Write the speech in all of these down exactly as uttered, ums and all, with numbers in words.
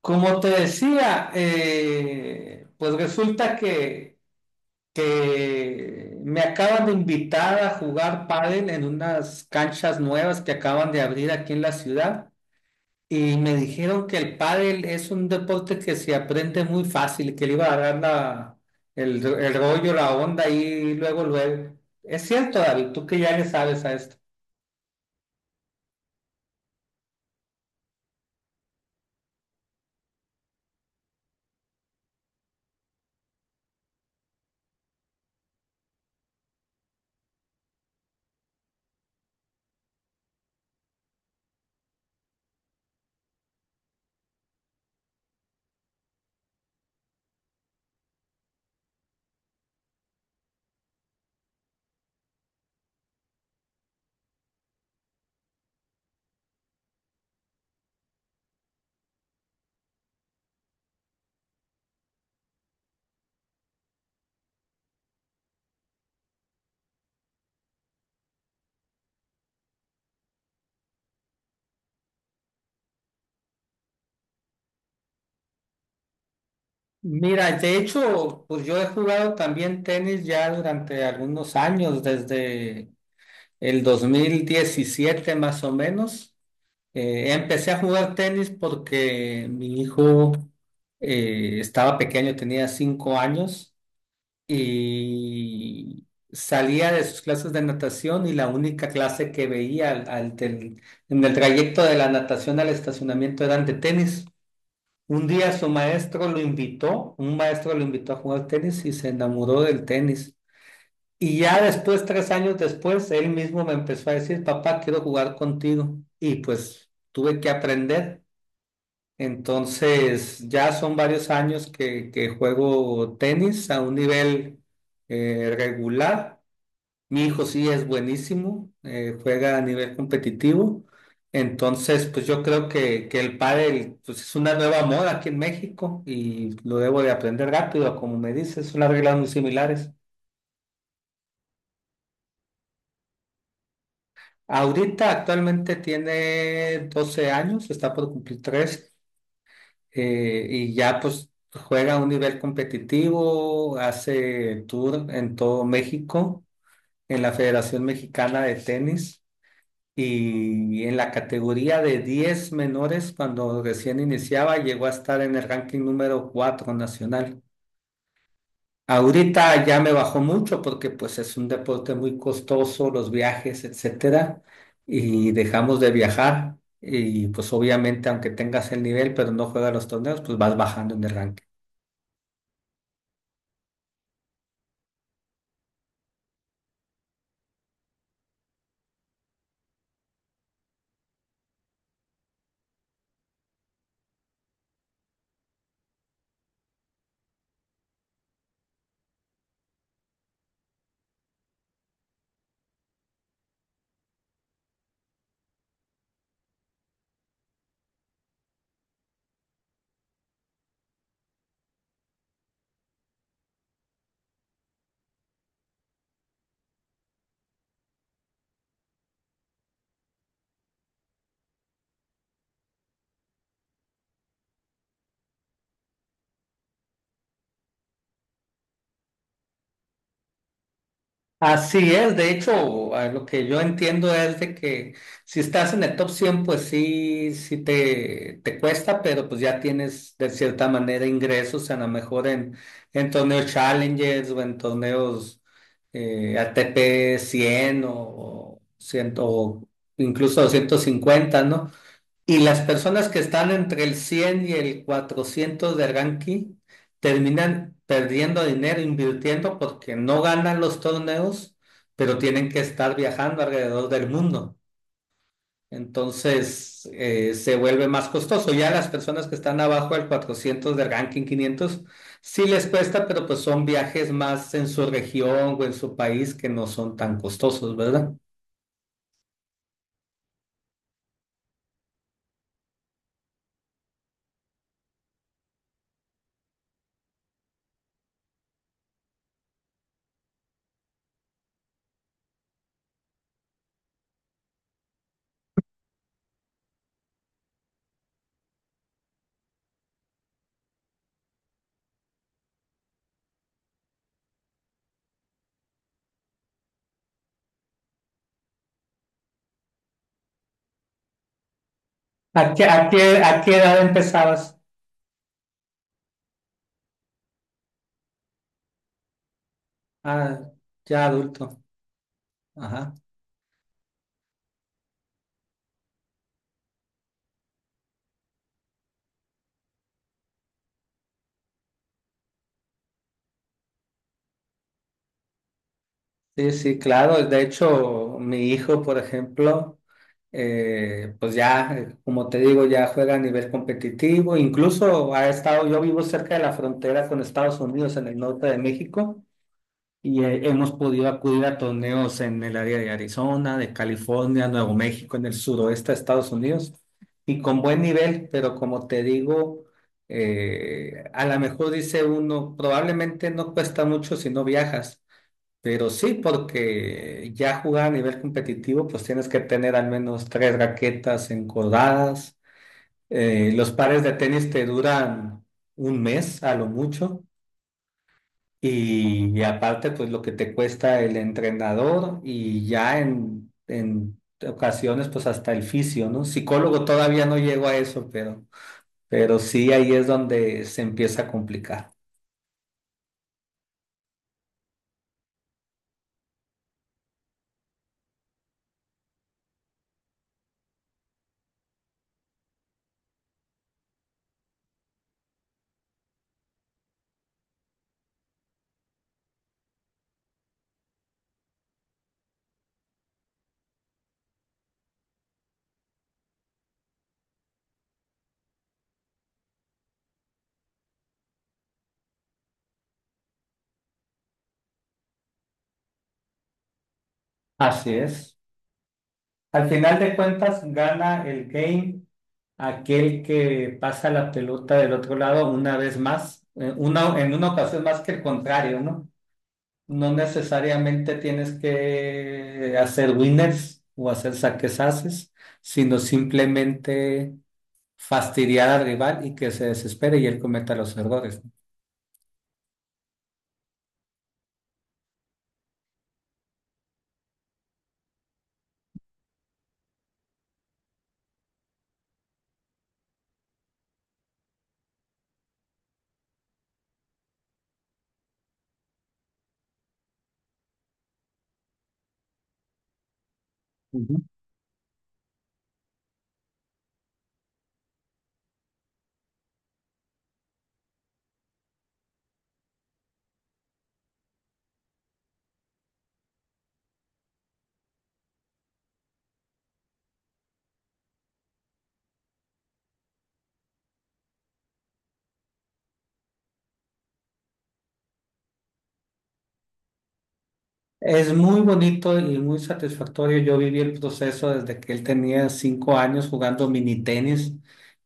Como te decía, eh, pues resulta que, que me acaban de invitar a jugar pádel en unas canchas nuevas que acaban de abrir aquí en la ciudad, y me dijeron que el pádel es un deporte que se aprende muy fácil, que le iba a dar la, el, el rollo, la onda y luego, luego. Es cierto, David, tú que ya le sabes a esto. Mira, de hecho, pues yo he jugado también tenis ya durante algunos años, desde El dos mil diecisiete, más o menos. Eh, empecé a jugar tenis porque mi hijo eh, estaba pequeño, tenía cinco años, y salía de sus clases de natación, y la única clase que veía al, al del- en el trayecto de la natación al estacionamiento eran de tenis. Un día su maestro lo invitó, un maestro lo invitó a jugar tenis y se enamoró del tenis. Y ya después, tres años después, él mismo me empezó a decir: papá, quiero jugar contigo. Y pues tuve que aprender. Entonces, ya son varios años que, que juego tenis a un nivel eh, regular. Mi hijo sí es buenísimo, eh, juega a nivel competitivo. Entonces, pues yo creo que, que el pádel, pues, es una nueva moda aquí en México, y lo debo de aprender rápido. Como me dices, son las reglas muy similares. Ahorita actualmente tiene doce años, está por cumplir tres, y ya pues juega a un nivel competitivo, hace tour en todo México, en la Federación Mexicana de Tenis, y en la categoría de diez menores, cuando recién iniciaba llegó a estar en el ranking número cuatro nacional. Ahorita ya me bajó mucho porque pues es un deporte muy costoso, los viajes, etcétera, y dejamos de viajar, y pues obviamente aunque tengas el nivel pero no juegas los torneos, pues vas bajando en el ranking. Así es. De hecho, a lo que yo entiendo es de que, si estás en el top cien, pues sí, sí te, te cuesta, pero pues ya tienes de cierta manera ingresos, a lo mejor en en torneos Challengers o en torneos eh, A T P cien, o, o cien, o incluso doscientos cincuenta, ¿no? Y las personas que están entre el cien y el cuatrocientos de ranking terminan perdiendo dinero invirtiendo porque no ganan los torneos, pero tienen que estar viajando alrededor del mundo. Entonces, eh, se vuelve más costoso. Ya las personas que están abajo del cuatrocientos, del ranking quinientos, sí les cuesta, pero pues son viajes más en su región o en su país, que no son tan costosos, ¿verdad? ¿A qué, a qué, a qué edad empezabas? Ah, ya adulto. Ajá. Sí, sí, claro. De hecho, mi hijo, por ejemplo, eh, pues ya, eh, como te digo, ya juega a nivel competitivo. Incluso ha estado... Yo vivo cerca de la frontera con Estados Unidos, en el norte de México, y eh, hemos podido acudir a torneos en el área de Arizona, de California, Nuevo México, en el suroeste de Estados Unidos, y con buen nivel. Pero como te digo, eh, a lo mejor dice uno, probablemente no cuesta mucho si no viajas, pero sí, porque ya jugar a nivel competitivo, pues tienes que tener al menos tres raquetas encordadas. Eh, los pares de tenis te duran un mes a lo mucho. Y, y aparte, pues lo que te cuesta el entrenador, y ya en en ocasiones, pues hasta el fisio, ¿no? Psicólogo todavía no llego a eso, pero, pero sí, ahí es donde se empieza a complicar. Así es. Al final de cuentas, gana el game aquel que pasa la pelota del otro lado una vez más, eh, una, en una ocasión más que el contrario, ¿no? No necesariamente tienes que hacer winners o hacer saques haces, sino simplemente fastidiar al rival y que se desespere y él cometa los errores. ¿No? Es muy bonito y muy satisfactorio. Yo viví el proceso desde que él tenía cinco años jugando mini tenis,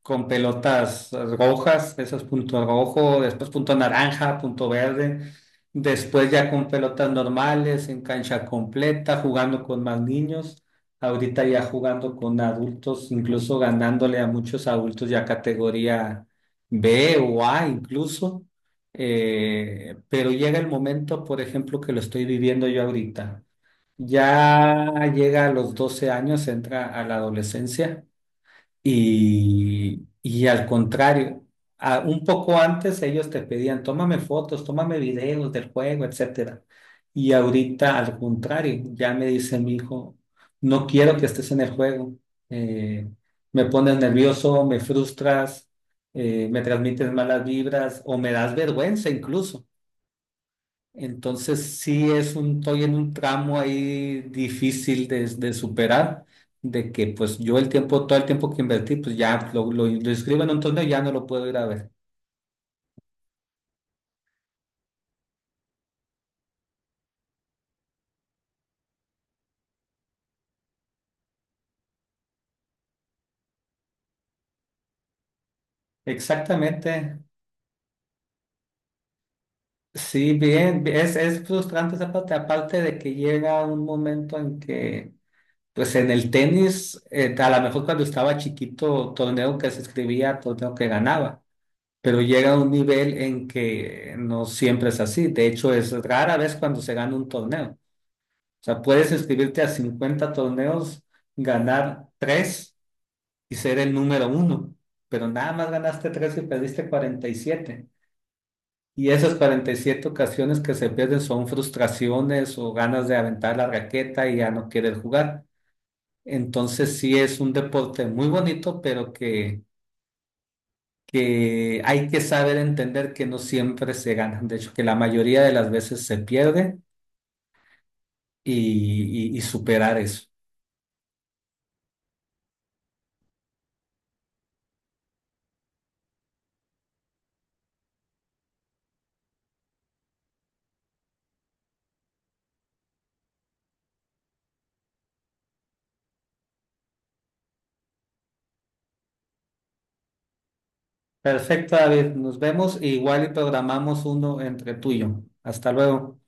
con pelotas rojas, esas punto rojo, después punto naranja, punto verde, después ya con pelotas normales, en cancha completa, jugando con más niños, ahorita ya jugando con adultos, incluso ganándole a muchos adultos ya categoría B o A incluso. Eh, pero llega el momento, por ejemplo, que lo estoy viviendo yo ahorita. Ya llega a los doce años, entra a la adolescencia, y, y al contrario, a- un poco antes ellos te pedían: tómame fotos, tómame videos del juego, etcétera. Y ahorita al contrario, ya me dice mi hijo: no quiero que estés en el juego, eh, me pones nervioso, me frustras, eh, me transmites malas vibras o me das vergüenza incluso. Entonces sí, es un, estoy en un tramo ahí difícil de, de superar, de que pues yo el tiempo, todo el tiempo que invertí, pues ya lo, lo, lo inscribo en un torneo y ya no lo puedo ir a ver. Exactamente. Sí, bien, es, es frustrante esa parte, aparte de que llega un momento en que, pues en el tenis, eh, a lo mejor cuando estaba chiquito, torneo que se escribía, torneo que ganaba, pero llega a un nivel en que no siempre es así. De hecho, es rara vez cuando se gana un torneo. O sea, puedes inscribirte a cincuenta torneos, ganar tres y ser el número uno, pero nada más ganaste tres y perdiste cuarenta y siete. Y siete. Y esas cuarenta y siete ocasiones que se pierden son frustraciones o ganas de aventar la raqueta y ya no querer jugar. Entonces sí, es un deporte muy bonito, pero que, que hay que saber entender que no siempre se gana. De hecho, que la mayoría de las veces se pierde, y, y y superar eso. Perfecto, David. Nos vemos e igual y programamos uno entre tú y yo. Hasta luego.